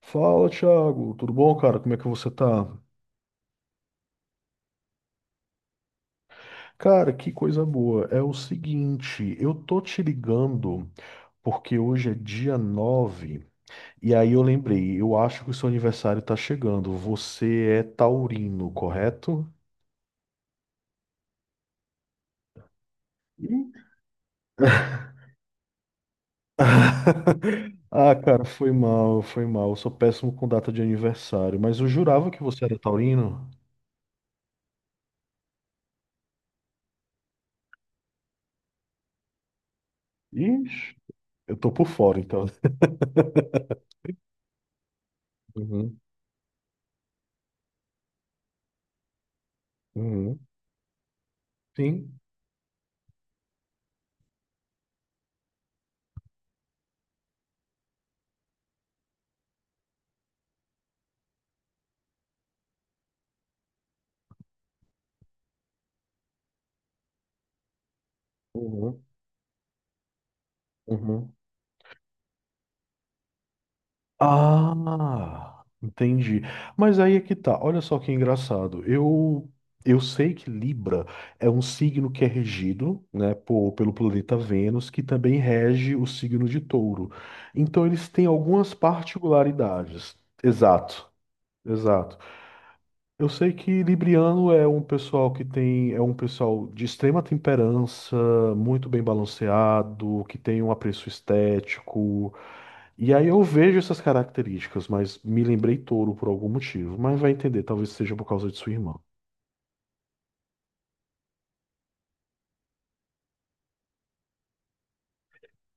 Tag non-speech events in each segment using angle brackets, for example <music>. Fala, Thiago, tudo bom, cara? Como é que você tá? Cara, que coisa boa. É o seguinte, eu tô te ligando porque hoje é dia 9. E aí eu lembrei, eu acho que o seu aniversário tá chegando. Você é taurino, correto? Sim. <laughs> Ah, cara, foi mal, foi mal. Eu sou péssimo com data de aniversário, mas eu jurava que você era taurino. Ixi, eu tô por fora, então. Uhum, uhum. Sim. Uhum, uhum. Ah, entendi. Mas aí é que tá. Olha só que engraçado. Eu sei que Libra é um signo que é regido, né, por, pelo planeta Vênus, que também rege o signo de Touro. Então eles têm algumas particularidades. Exato, exato. Eu sei que Libriano é um pessoal que tem, é um pessoal de extrema temperança, muito bem balanceado, que tem um apreço estético. E aí eu vejo essas características, mas me lembrei touro por algum motivo, mas vai entender, talvez seja por causa de sua irmã.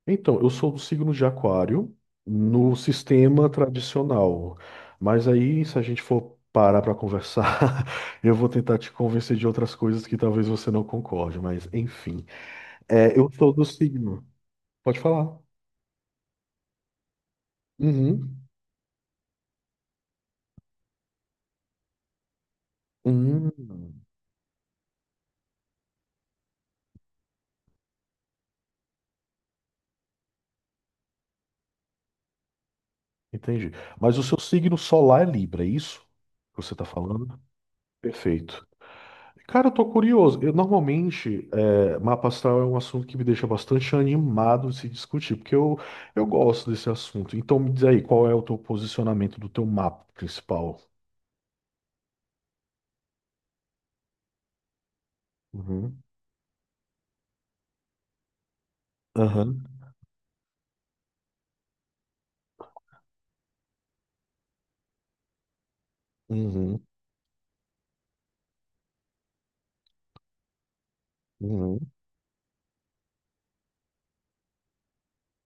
Então, eu sou do signo de Aquário no sistema tradicional, mas aí se a gente for parar para conversar, <laughs> eu vou tentar te convencer de outras coisas que talvez você não concorde, mas enfim. É, eu sou do signo. Pode falar. Uhum. Hum, entendi. Mas o seu signo solar é Libra, é isso que você está falando? Perfeito. Cara, eu tô curioso. Eu normalmente, é, mapa astral é um assunto que me deixa bastante animado de se discutir, porque eu gosto desse assunto. Então me diz aí, qual é o teu posicionamento do teu mapa principal? Uhum. Aham. Uhum. Uhum.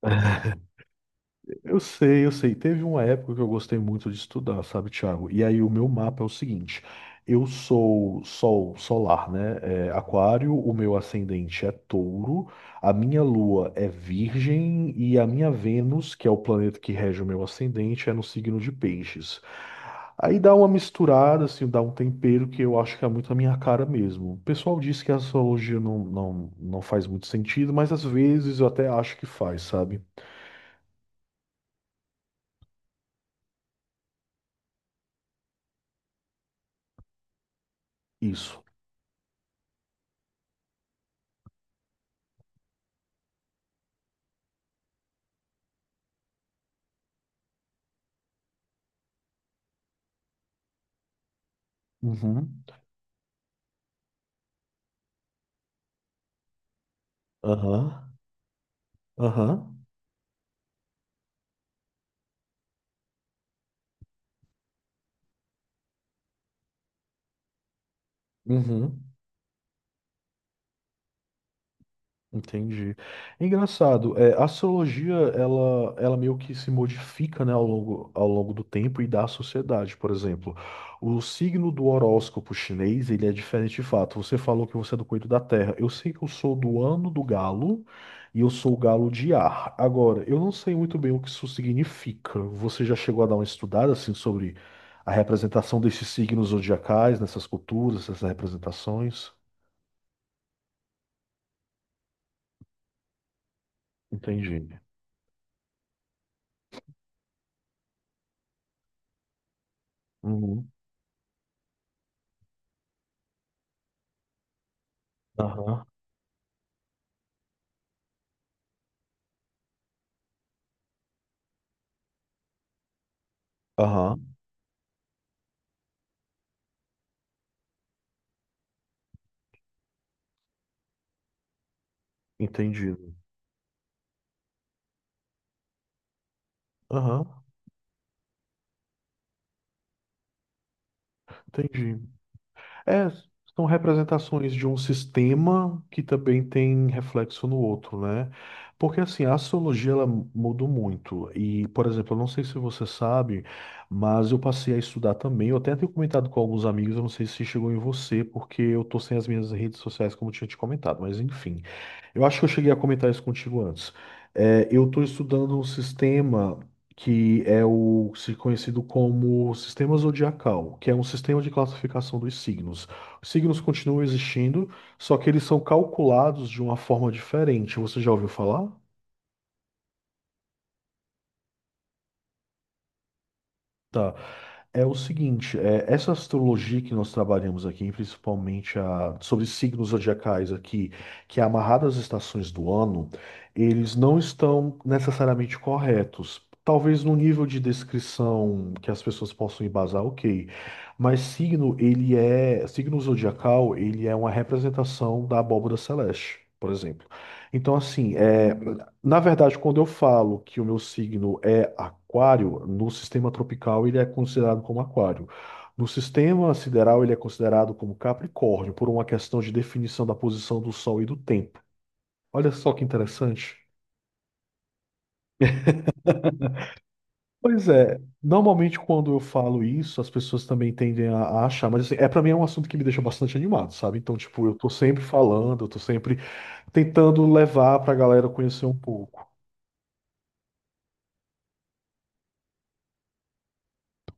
<laughs> Eu sei, eu sei. Teve uma época que eu gostei muito de estudar, sabe, Thiago? E aí o meu mapa é o seguinte: eu sou sol solar, né? É, aquário, o meu ascendente é touro, a minha lua é virgem e a minha Vênus, que é o planeta que rege o meu ascendente, é no signo de peixes. Aí dá uma misturada, assim, dá um tempero que eu acho que é muito a minha cara mesmo. O pessoal diz que a astrologia não, não, não faz muito sentido, mas às vezes eu até acho que faz, sabe? Isso. Uhum. Aham, aham, uhum, entendi. É engraçado, é, a astrologia, ela meio que se modifica, né, ao longo do tempo e da sociedade, por exemplo. O signo do horóscopo chinês, ele é diferente de fato. Você falou que você é do coelho da terra. Eu sei que eu sou do ano do galo e eu sou o galo de ar. Agora, eu não sei muito bem o que isso significa. Você já chegou a dar uma estudada, assim, sobre a representação desses signos zodiacais, nessas culturas, essas representações? Entendi. Uhum. Aham. Aham. Entendido. Aham. Entendi. É, são representações de um sistema que também tem reflexo no outro, né? Porque assim, a astrologia ela mudou muito. E, por exemplo, eu não sei se você sabe, mas eu passei a estudar também. Eu até tenho comentado com alguns amigos, eu não sei se chegou em você, porque eu tô sem as minhas redes sociais, como eu tinha te comentado, mas enfim. Eu acho que eu cheguei a comentar isso contigo antes. É, eu estou estudando um sistema que é o se conhecido como sistema zodiacal, que é um sistema de classificação dos signos. Os signos continuam existindo, só que eles são calculados de uma forma diferente. Você já ouviu falar? Tá. É o seguinte, é, essa astrologia que nós trabalhamos aqui, principalmente sobre signos zodiacais aqui, que é amarrada às estações do ano, eles não estão necessariamente corretos. Talvez no nível de descrição que as pessoas possam embasar, ok. Mas signo, ele é, signo zodiacal, ele é uma representação da abóbora celeste, por exemplo. Então, assim, é, na verdade, quando eu falo que o meu signo é aquário, no sistema tropical ele é considerado como aquário. No sistema sideral ele é considerado como Capricórnio, por uma questão de definição da posição do Sol e do tempo. Olha só que interessante. Pois é, normalmente quando eu falo isso, as pessoas também tendem a achar, mas assim, é para mim é um assunto que me deixa bastante animado, sabe? Então, tipo, eu tô sempre falando, eu tô sempre tentando levar pra galera conhecer um pouco.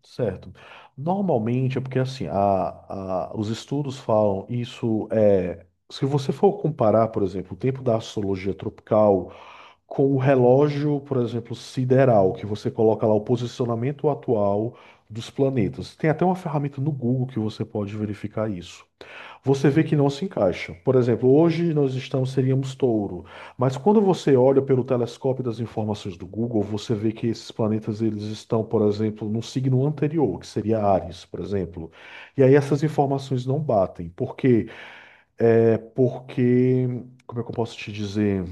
Certo. Normalmente é porque assim, os estudos falam isso é, se você for comparar, por exemplo, o tempo da astrologia tropical com o relógio, por exemplo, sideral, que você coloca lá o posicionamento atual dos planetas. Tem até uma ferramenta no Google que você pode verificar isso. Você vê que não se encaixa. Por exemplo, hoje nós estamos, seríamos touro, mas quando você olha pelo telescópio das informações do Google, você vê que esses planetas eles estão, por exemplo, no signo anterior, que seria Áries, por exemplo. E aí essas informações não batem. Por quê? É porque, como é que eu posso te dizer?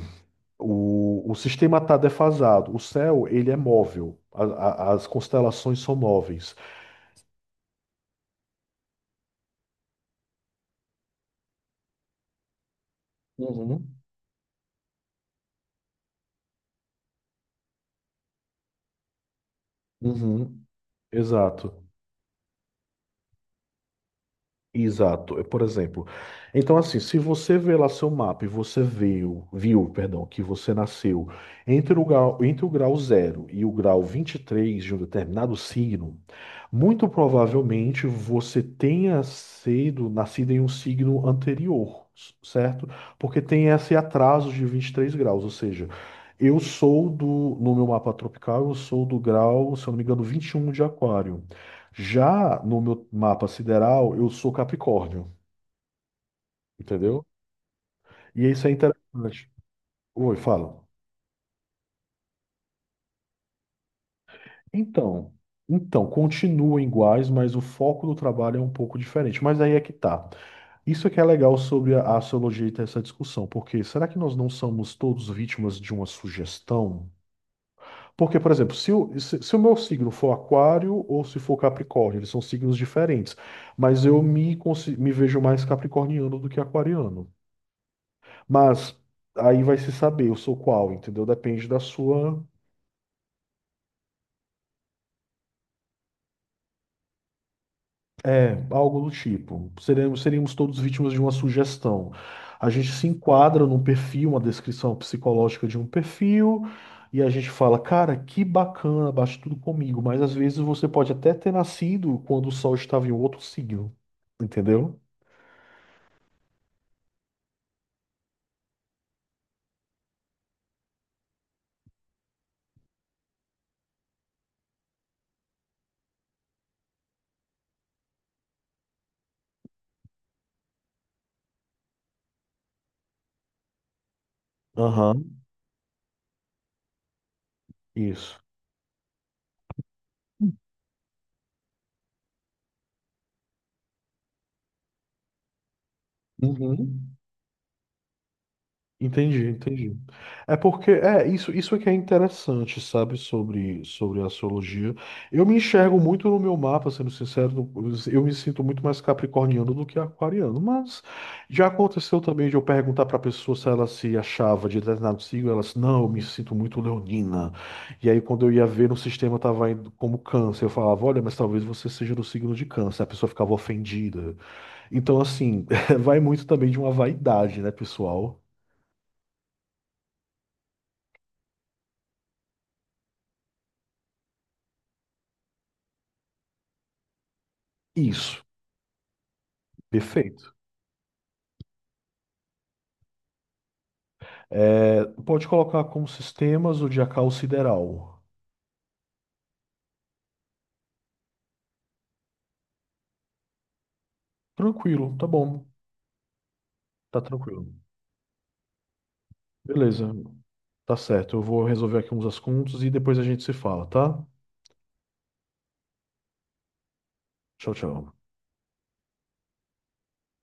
O sistema está defasado. O céu, ele é móvel. As constelações são móveis. Uhum. Uhum. Exato. Exato, é, por exemplo. Então, assim, se você vê lá seu mapa e você viu, perdão, que você nasceu entre o grau zero e o grau 23 de um determinado signo, muito provavelmente você tenha sido nascido em um signo anterior, certo? Porque tem esse atraso de 23 graus, ou seja, eu sou no meu mapa tropical, eu sou do grau, se eu não me engano, 21 de aquário. Já no meu mapa sideral, eu sou Capricórnio, entendeu? E isso é interessante. Oi, fala. Então, então, continuam iguais, mas o foco do trabalho é um pouco diferente. Mas aí é que tá. Isso é que é legal sobre a astrologia e ter essa discussão, porque será que nós não somos todos vítimas de uma sugestão? Porque, por exemplo, se o meu signo for Aquário ou se for Capricórnio, eles são signos diferentes, mas eu me vejo mais capricorniano do que aquariano. Mas aí vai se saber, eu sou qual, entendeu? Depende da sua, é, algo do tipo. Seríamos todos vítimas de uma sugestão. A gente se enquadra num perfil, uma descrição psicológica de um perfil, e a gente fala, cara, que bacana, bate tudo comigo. Mas às vezes você pode até ter nascido quando o sol estava em outro signo, entendeu? Aham, isso. Uhum. Entendi, entendi. É porque é isso, é que é interessante, sabe, sobre a astrologia. Eu me enxergo muito no meu mapa, sendo sincero, eu me sinto muito mais capricorniano do que aquariano, mas já aconteceu também de eu perguntar para a pessoa se ela se achava de determinado signo, ela disse, não, eu me sinto muito leonina. E aí quando eu ia ver no sistema estava indo como câncer, eu falava, olha, mas talvez você seja do signo de câncer. A pessoa ficava ofendida. Então assim, <laughs> vai muito também de uma vaidade, né, pessoal? Isso. Perfeito. É, pode colocar como sistemas o Diacal Sideral. Tranquilo, tá bom. Tá tranquilo. Beleza, tá certo. Eu vou resolver aqui uns assuntos e depois a gente se fala, tá? Tchau, tchau.